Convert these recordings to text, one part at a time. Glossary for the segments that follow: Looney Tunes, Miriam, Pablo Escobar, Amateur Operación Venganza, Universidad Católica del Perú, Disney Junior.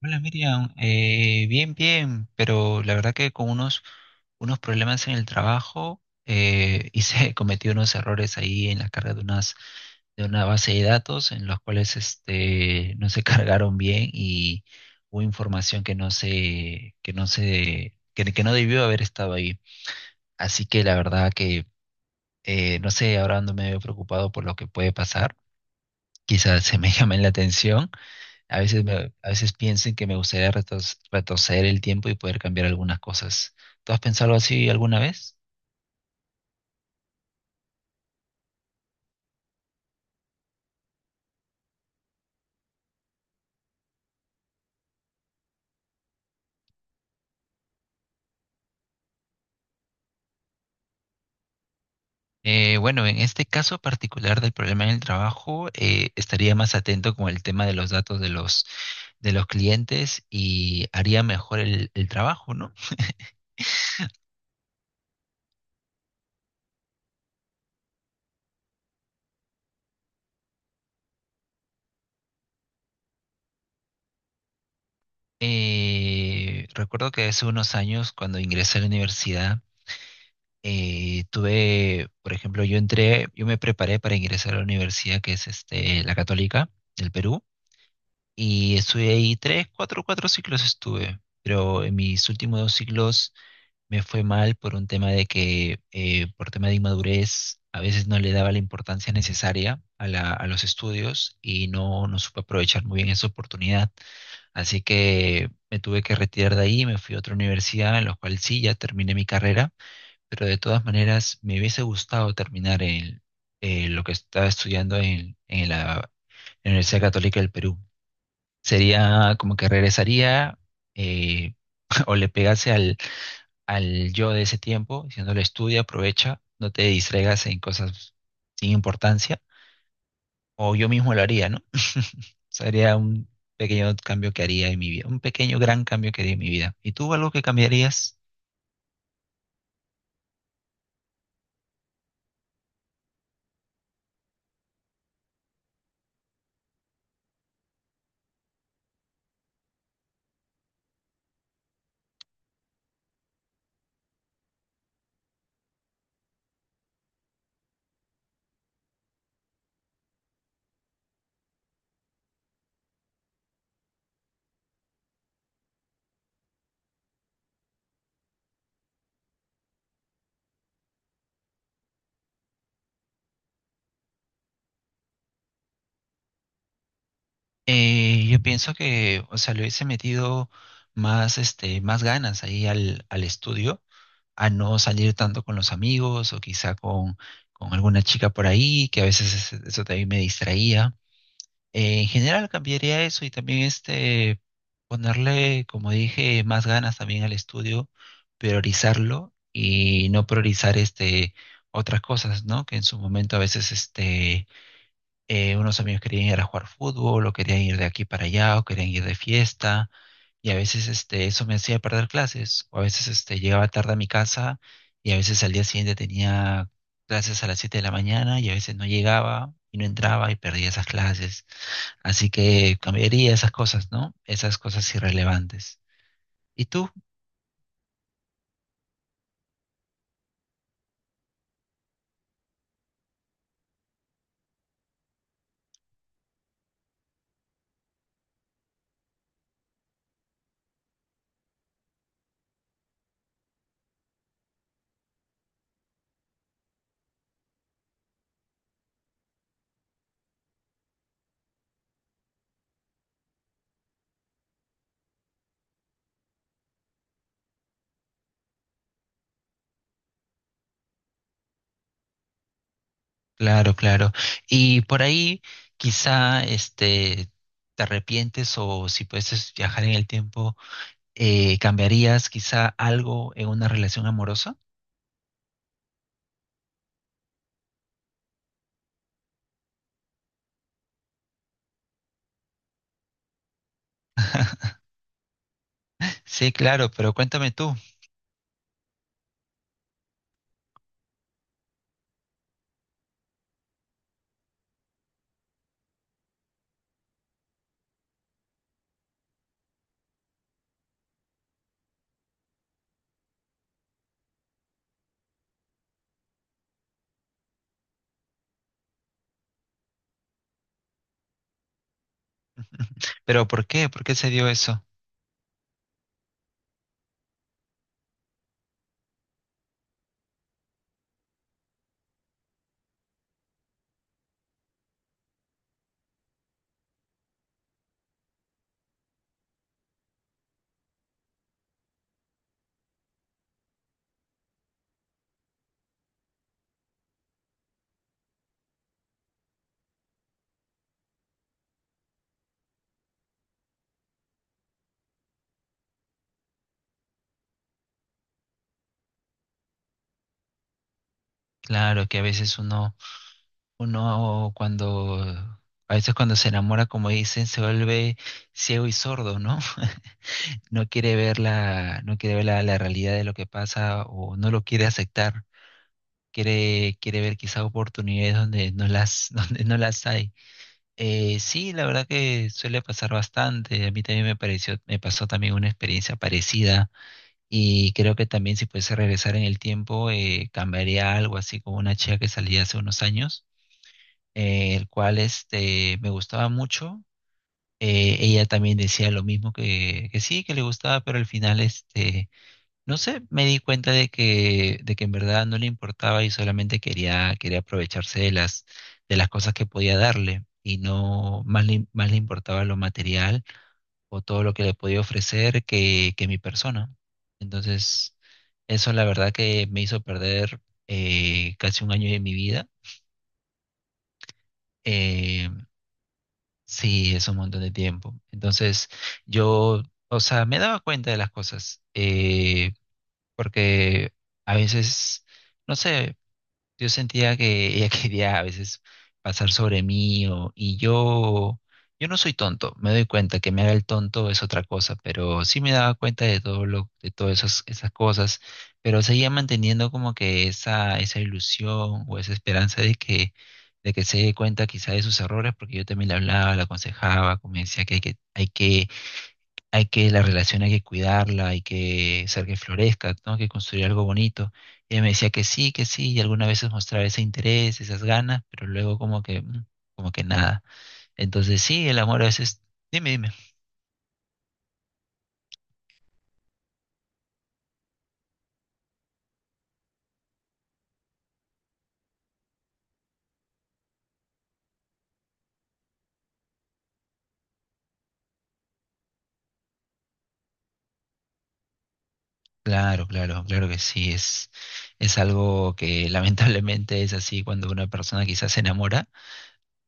Hola Miriam, bien, bien, pero la verdad que con unos problemas en el trabajo. Hice, cometí unos errores ahí en la carga de de una base de datos en los cuales este, no se cargaron bien y hubo información que que no debió haber estado ahí. Así que la verdad que no sé, ahora ando medio preocupado por lo que puede pasar. Quizás se me llame la atención a veces, a veces pienso en que me gustaría retroceder el tiempo y poder cambiar algunas cosas. ¿Tú has pensado así alguna vez? Bueno, en este caso particular del problema en el trabajo, estaría más atento con el tema de los datos de de los clientes y haría mejor el trabajo, ¿no? Recuerdo que hace unos años, cuando ingresé a la universidad, tuve, por ejemplo, yo entré, yo me preparé para ingresar a la universidad que es este, la Católica del Perú. Y estuve ahí tres, cuatro ciclos estuve, pero en mis últimos dos ciclos me fue mal por un tema de que, por tema de inmadurez, a veces no le daba la importancia necesaria a a los estudios y no, no supe aprovechar muy bien esa oportunidad. Así que me tuve que retirar de ahí, me fui a otra universidad, en la cual sí, ya terminé mi carrera, pero de todas maneras me hubiese gustado terminar lo que estaba estudiando en la Universidad Católica del Perú. Sería como que regresaría, eh, o le pegase al, al yo de ese tiempo, diciéndole estudia, aprovecha, no te distraigas en cosas sin importancia, o yo mismo lo haría, ¿no? Sería un pequeño cambio que haría en mi vida, un pequeño gran cambio que haría en mi vida. ¿Y tú algo que cambiarías? Yo pienso que, o sea, le hubiese metido más, este, más ganas ahí al, al estudio, a no salir tanto con los amigos o quizá con alguna chica por ahí, que a veces eso también me distraía. En general cambiaría eso y también este ponerle, como dije, más ganas también al estudio, priorizarlo y no priorizar este otras cosas, ¿no? Que en su momento a veces unos amigos querían ir a jugar fútbol, o querían ir de aquí para allá, o querían ir de fiesta, y a veces este, eso me hacía perder clases, o a veces este, llegaba tarde a mi casa, y a veces al día siguiente tenía clases a las 7 de la mañana, y a veces no llegaba, y no entraba, y perdía esas clases. Así que cambiaría esas cosas, ¿no? Esas cosas irrelevantes. ¿Y tú? Claro, claro. Y por ahí, quizá, este, te arrepientes, o si puedes viajar en el tiempo, ¿cambiarías quizá algo en una relación amorosa? Sí, claro, pero cuéntame tú. ¿Pero por qué? ¿Por qué se dio eso? Claro que a veces uno cuando, a veces cuando se enamora, como dicen, se vuelve ciego y sordo, ¿no? No quiere ver no quiere ver la realidad de lo que pasa o no lo quiere aceptar. Quiere, quiere ver quizá oportunidades donde no donde no las hay. Sí, la verdad que suele pasar bastante. A mí también me pareció, me pasó también una experiencia parecida y creo que también si pudiese regresar en el tiempo, cambiaría algo así como una chica que salía hace unos años, el cual este me gustaba mucho. Ella también decía lo mismo que sí, que le gustaba, pero al final este no sé, me di cuenta de que en verdad no le importaba y solamente quería, quería aprovecharse de de las cosas que podía darle y no más más le importaba lo material o todo lo que le podía ofrecer que mi persona. Entonces, eso la verdad que me hizo perder casi un año de mi vida. Eh, sí, es un montón de tiempo. Entonces, yo, o sea, me daba cuenta de las cosas, porque a veces... No sé. Yo sentía que ella quería a veces pasar sobre mí o, y yo no soy tonto, me doy cuenta que me haga el tonto es otra cosa, pero sí me daba cuenta de todo lo, de todas esas, esas cosas, pero seguía manteniendo como que esa ilusión o esa esperanza de de que se dé cuenta quizá de sus errores, porque yo también le hablaba, le aconsejaba, como me decía que la relación hay que cuidarla, hay que hacer que florezca, ¿no? Que construir algo bonito. Y ella me decía que sí, y algunas veces mostraba ese interés, esas ganas, pero luego como que, como que nada. Entonces sí, el amor a veces, dime, dime. Claro, claro, claro que sí, es algo que lamentablemente es así cuando una persona quizás se enamora,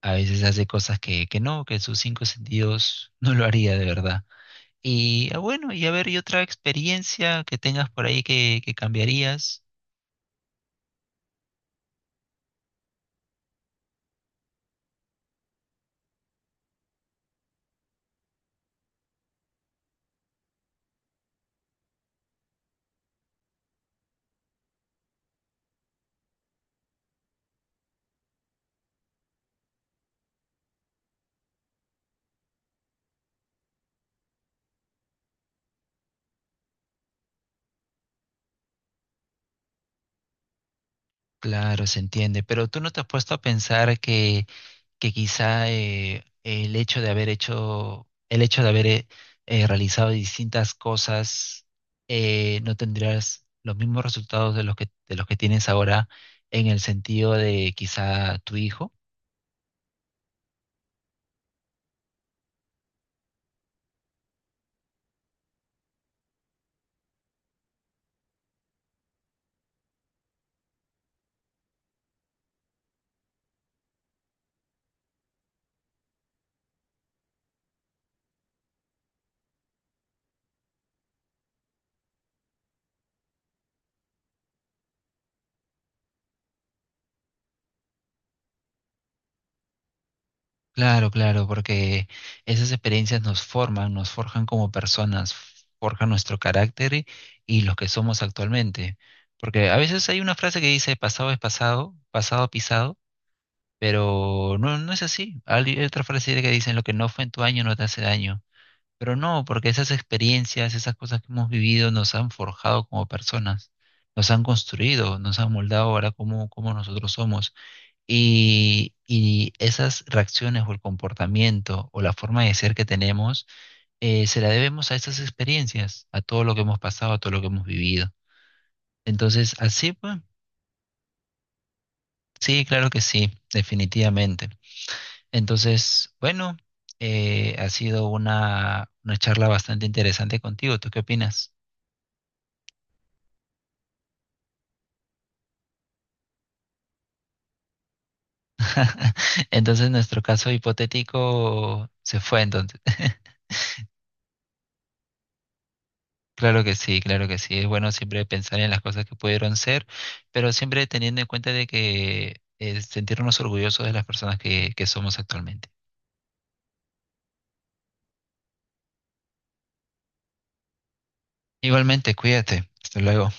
a veces hace cosas que no, que sus cinco sentidos no lo haría de verdad. Y ah, bueno, y a ver, ¿y otra experiencia que tengas por ahí que cambiarías? Claro, se entiende, pero tú no te has puesto a pensar que quizá el hecho de haber hecho, el hecho de haber realizado distintas cosas, no tendrías los mismos resultados de de los que tienes ahora en el sentido de quizá tu hijo. Claro, claro, porque esas experiencias nos forman, nos forjan como personas, forjan nuestro carácter y los que somos actualmente. Porque a veces hay una frase que dice, pasado es pasado, pasado pisado. Pero no, no es así. Hay otra frase que dicen, lo que no fue en tu año no te hace daño. Pero no, porque esas experiencias, esas cosas que hemos vivido nos han forjado como personas, nos han construido, nos han moldado ahora como, como nosotros somos. Y esas reacciones o el comportamiento o la forma de ser que tenemos, se la debemos a esas experiencias, a todo lo que hemos pasado, a todo lo que hemos vivido. Entonces, así pues, sí, claro que sí, definitivamente. Entonces, bueno, ha sido una charla bastante interesante contigo. ¿Tú qué opinas? Entonces, nuestro caso hipotético se fue entonces. Claro que sí, claro que sí. Es bueno siempre pensar en las cosas que pudieron ser, pero siempre teniendo en cuenta de que sentirnos orgullosos de las personas que somos actualmente. Igualmente, cuídate. Hasta luego.